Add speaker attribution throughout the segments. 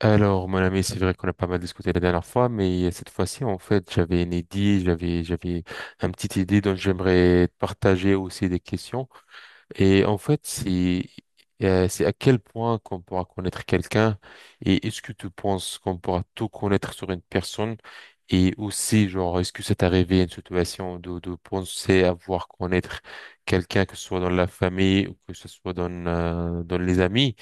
Speaker 1: Alors, mon ami, c'est vrai qu'on a pas mal discuté la dernière fois, mais cette fois-ci, j'avais une idée, j'avais une petite idée dont j'aimerais te partager aussi des questions. Et en fait, c'est à quel point qu'on pourra connaître quelqu'un et est-ce que tu penses qu'on pourra tout connaître sur une personne et aussi, genre, est-ce que c'est arrivé une situation de penser avoir connaître quelqu'un, que ce soit dans la famille ou que ce soit dans, dans les amis?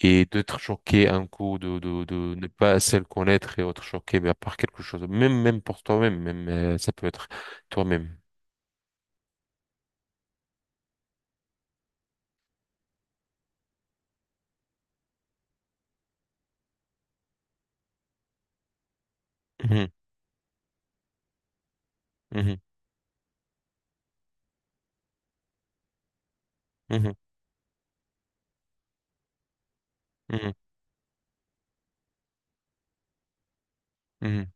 Speaker 1: Et d'être choqué un coup, de ne pas assez le connaître et être choqué mais par quelque chose, même, même pour toi-même, même, ça peut être toi-même. Mhm, mhm, mhm, mhm, mhm,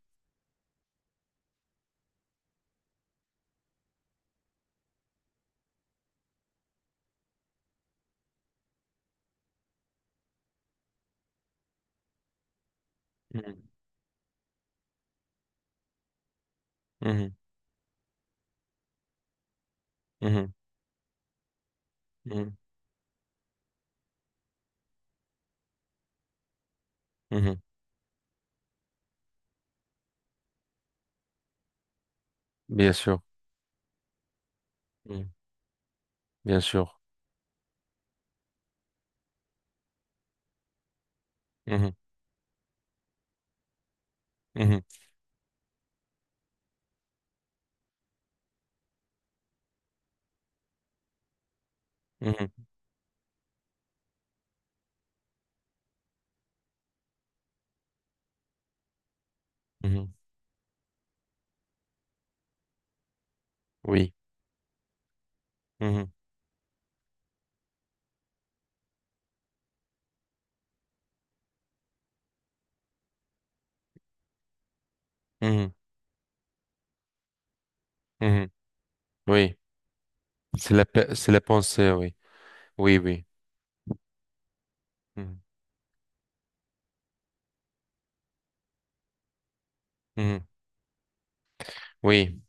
Speaker 1: mhm, mhm, mhm, mhm. Bien sûr, mhm, bien sûr. Mhm, mhm, mhm, mhm. Oui, mhm, mhm, mhm. Oui, c'est la, c'est la pensée, oui, oui, oui. Mhm, mhm. Oui.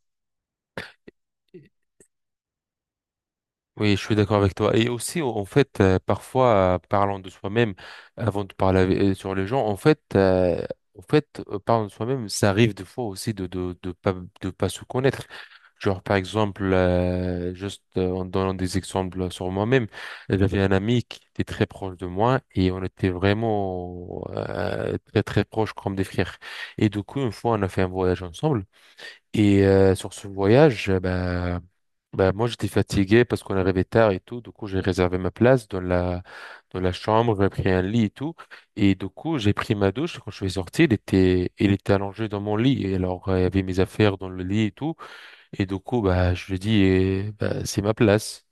Speaker 1: Oui, je suis d'accord avec toi. Et aussi, en fait, parfois, parlant de soi-même, avant de parler avec- sur les gens, en fait, parlant de soi-même, ça arrive des fois aussi de pas se connaître. Genre, par exemple, juste en donnant des exemples sur moi-même, j'avais un ami qui était très proche de moi et on était vraiment très très proches comme des frères. Et du coup, une fois, on a fait un voyage ensemble. Et sur ce voyage, bah, moi j'étais fatigué parce qu'on arrivait tard et tout. Du coup, j'ai réservé ma place dans la chambre, j'ai pris un lit et tout. Et du coup, j'ai pris ma douche. Quand je suis sorti, il était allongé dans mon lit. Et alors, il y avait mes affaires dans le lit et tout. Et du coup, bah, je lui ai dit, eh, bah, c'est ma place.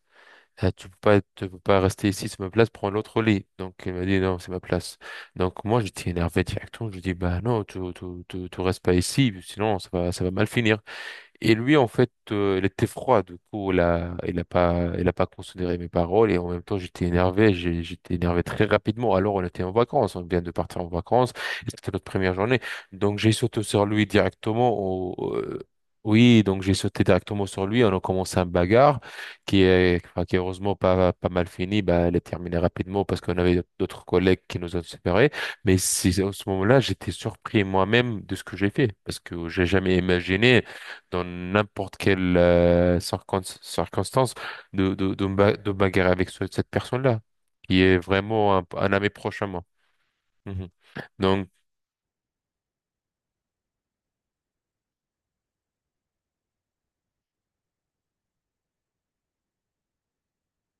Speaker 1: Tu peux pas, tu peux pas rester ici, c'est ma place, prends l'autre lit. Donc, il m'a dit, non, c'est ma place. Donc, moi, j'étais énervé directement. Je lui ai dit, bah, non, tu restes pas ici, sinon, ça va mal finir. Et lui, en fait, il était froid, du coup, il a pas considéré mes paroles et en même temps, j'étais énervé, j'étais énervé très rapidement. Alors, on était en vacances, on vient de partir en vacances, et c'était notre première journée. Donc, j'ai sauté sur lui directement oui, donc j'ai sauté directement sur lui, on a commencé un bagarre enfin, qui est heureusement pas, pas mal fini, bah, elle est terminée rapidement parce qu'on avait d'autres collègues qui nous ont séparés. Mais c'est, à ce moment-là, j'étais surpris moi-même de ce que j'ai fait parce que j'ai jamais imaginé dans n'importe quelle circonstance de me bagarrer avec cette personne-là, qui est vraiment un ami proche à moi. Mhm. Donc,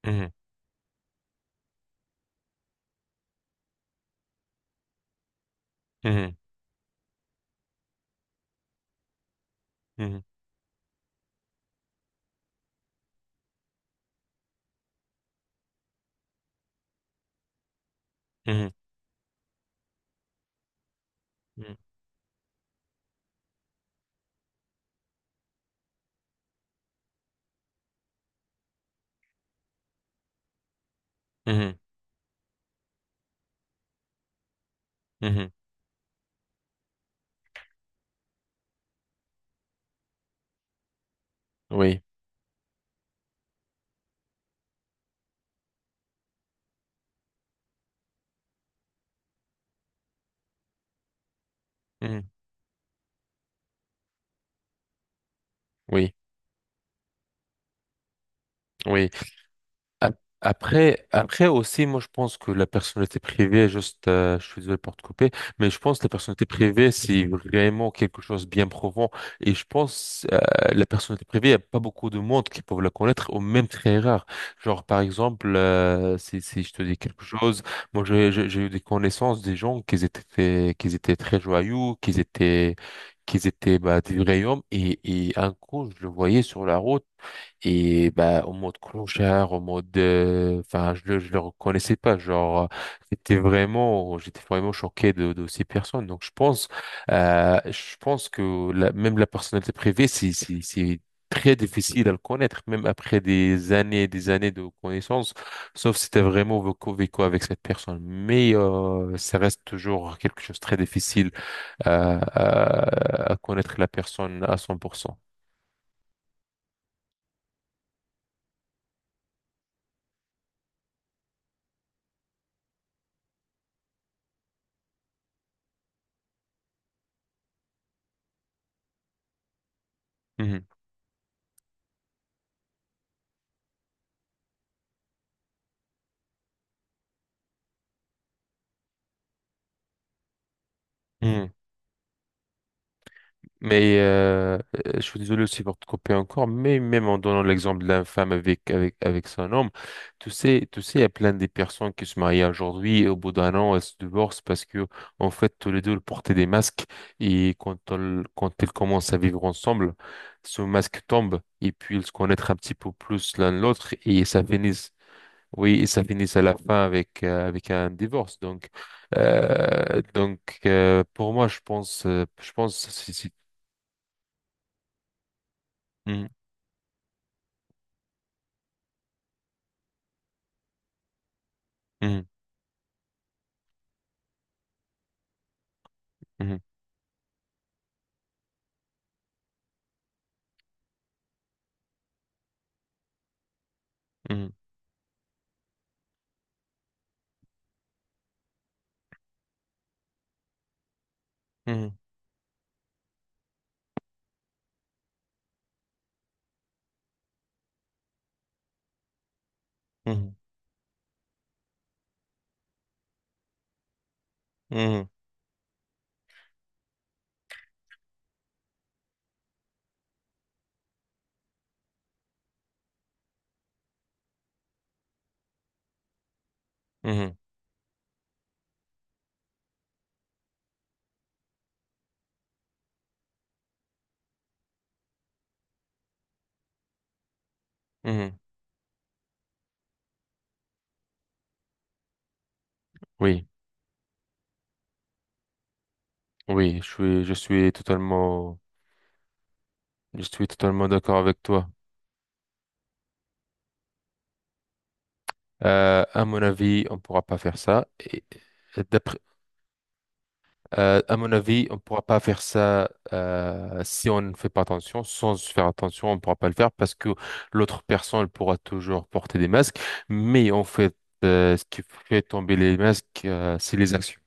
Speaker 1: mhm, mhm, mhm, mhm, mhm, mhm, mhm. Oui, mhm, oui, oui. Ap- Après, après aussi, moi je pense que la personnalité privée, juste, je suis désolé pour te couper, mais je pense que la personnalité privée, c'est vraiment quelque chose de bien profond. Et je pense la personnalité privée, il n'y a pas beaucoup de monde qui peuvent la connaître, ou même très rare. Genre, par exemple, si je te dis quelque chose, moi j'ai eu des connaissances des gens qui étaient, qui étaient très joyeux, qui étaient bah, des vrais hommes, et un coup, je le voyais sur la route. Et bah, en mode clochard, en mode... Enfin, je le reconnaissais pas. Genre, c'était vraiment... J'étais vraiment choqué de ces personnes. Donc, je pense que même la personnalité privée, c'est très difficile à le connaître, même après des années et des années de connaissances, sauf si t'as vraiment vécu, vécu avec cette personne. Mais ça reste toujours quelque chose de très difficile à connaître la personne à 100%. Mhm. Mais je suis désolé aussi pour te couper encore, mais même en donnant l'exemple de la femme avec, avec, avec son homme, tu sais, il y a plein de personnes qui se marient aujourd'hui et au bout d'1 an, elles se divorcent parce que, en fait, tous les deux ils portaient des masques et quand ils commencent à vivre ensemble, ce masque tombe et puis ils se connaissent un petit peu plus l'un l'autre et ça finit oui, et ça finit à la fin avec, avec un divorce. Pour moi, je pense, Mhm. Mhm, mhm, mhm, mhm, mhm, mhm, mhm, mhm. Oui, oui, je suis totalement d'accord avec toi. À mon avis, on pourra pas faire ça. Et d'après, à mon avis, on pourra pas faire ça si on ne fait pas attention. Sans faire attention, on pourra pas le faire parce que l'autre personne pourra toujours porter des masques. Mais en fait, ce qui fait tomber les masques, c'est les actions.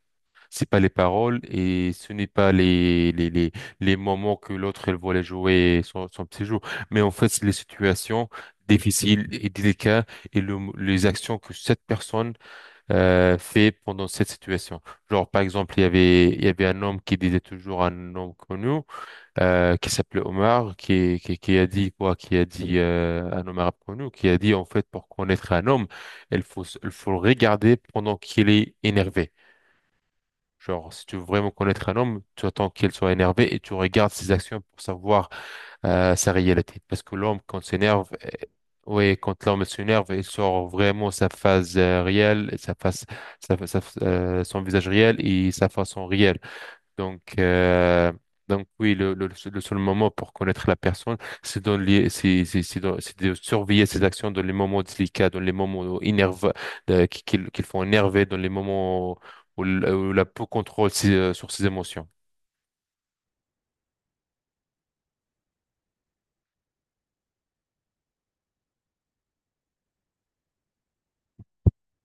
Speaker 1: C'est pas les paroles et ce n'est pas les moments que l'autre elle voulait jouer son, son petit jeu. Mais en fait, c'est les situations difficiles et délicates et les actions que cette personne fait pendant cette situation. Genre, par exemple, il y avait un homme qui disait toujours un homme connu qui s'appelait Omar, qui a dit quoi? Qui a dit un homme arabe connu, qui a dit en fait, pour connaître un homme, il faut le regarder pendant qu'il est énervé. Genre, si tu veux vraiment connaître un homme, tu attends qu'il soit énervé et tu regardes ses actions pour savoir sa réalité. Parce que l'homme, quand s'énerve, ouais, quand l'homme s'énerve, il sort vraiment sa phase réelle, sa face, son visage réel et sa façon réelle. Donc, euh, donc oui, le seul moment pour connaître la personne, c'est dans c'est de surveiller ses actions dans les moments délicats, dans les moments énervés, qu'ils font énerver, dans les moments où, où la peau contrôle ses, sur ses émotions.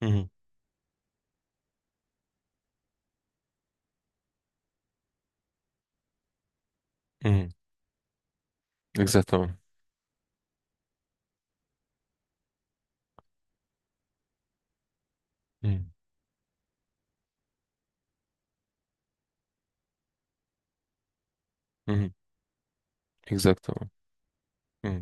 Speaker 1: Mhm, mhm, exactement. Mhm, mhm, exactement. Mhm.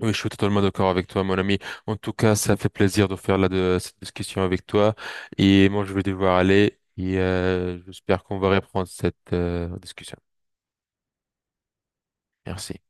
Speaker 1: Oui, je suis totalement d'accord avec toi, mon ami. En tout cas, ça fait plaisir de faire là de, cette discussion avec toi. Et moi, je vais devoir aller. Et j'espère qu'on va reprendre cette discussion. Merci.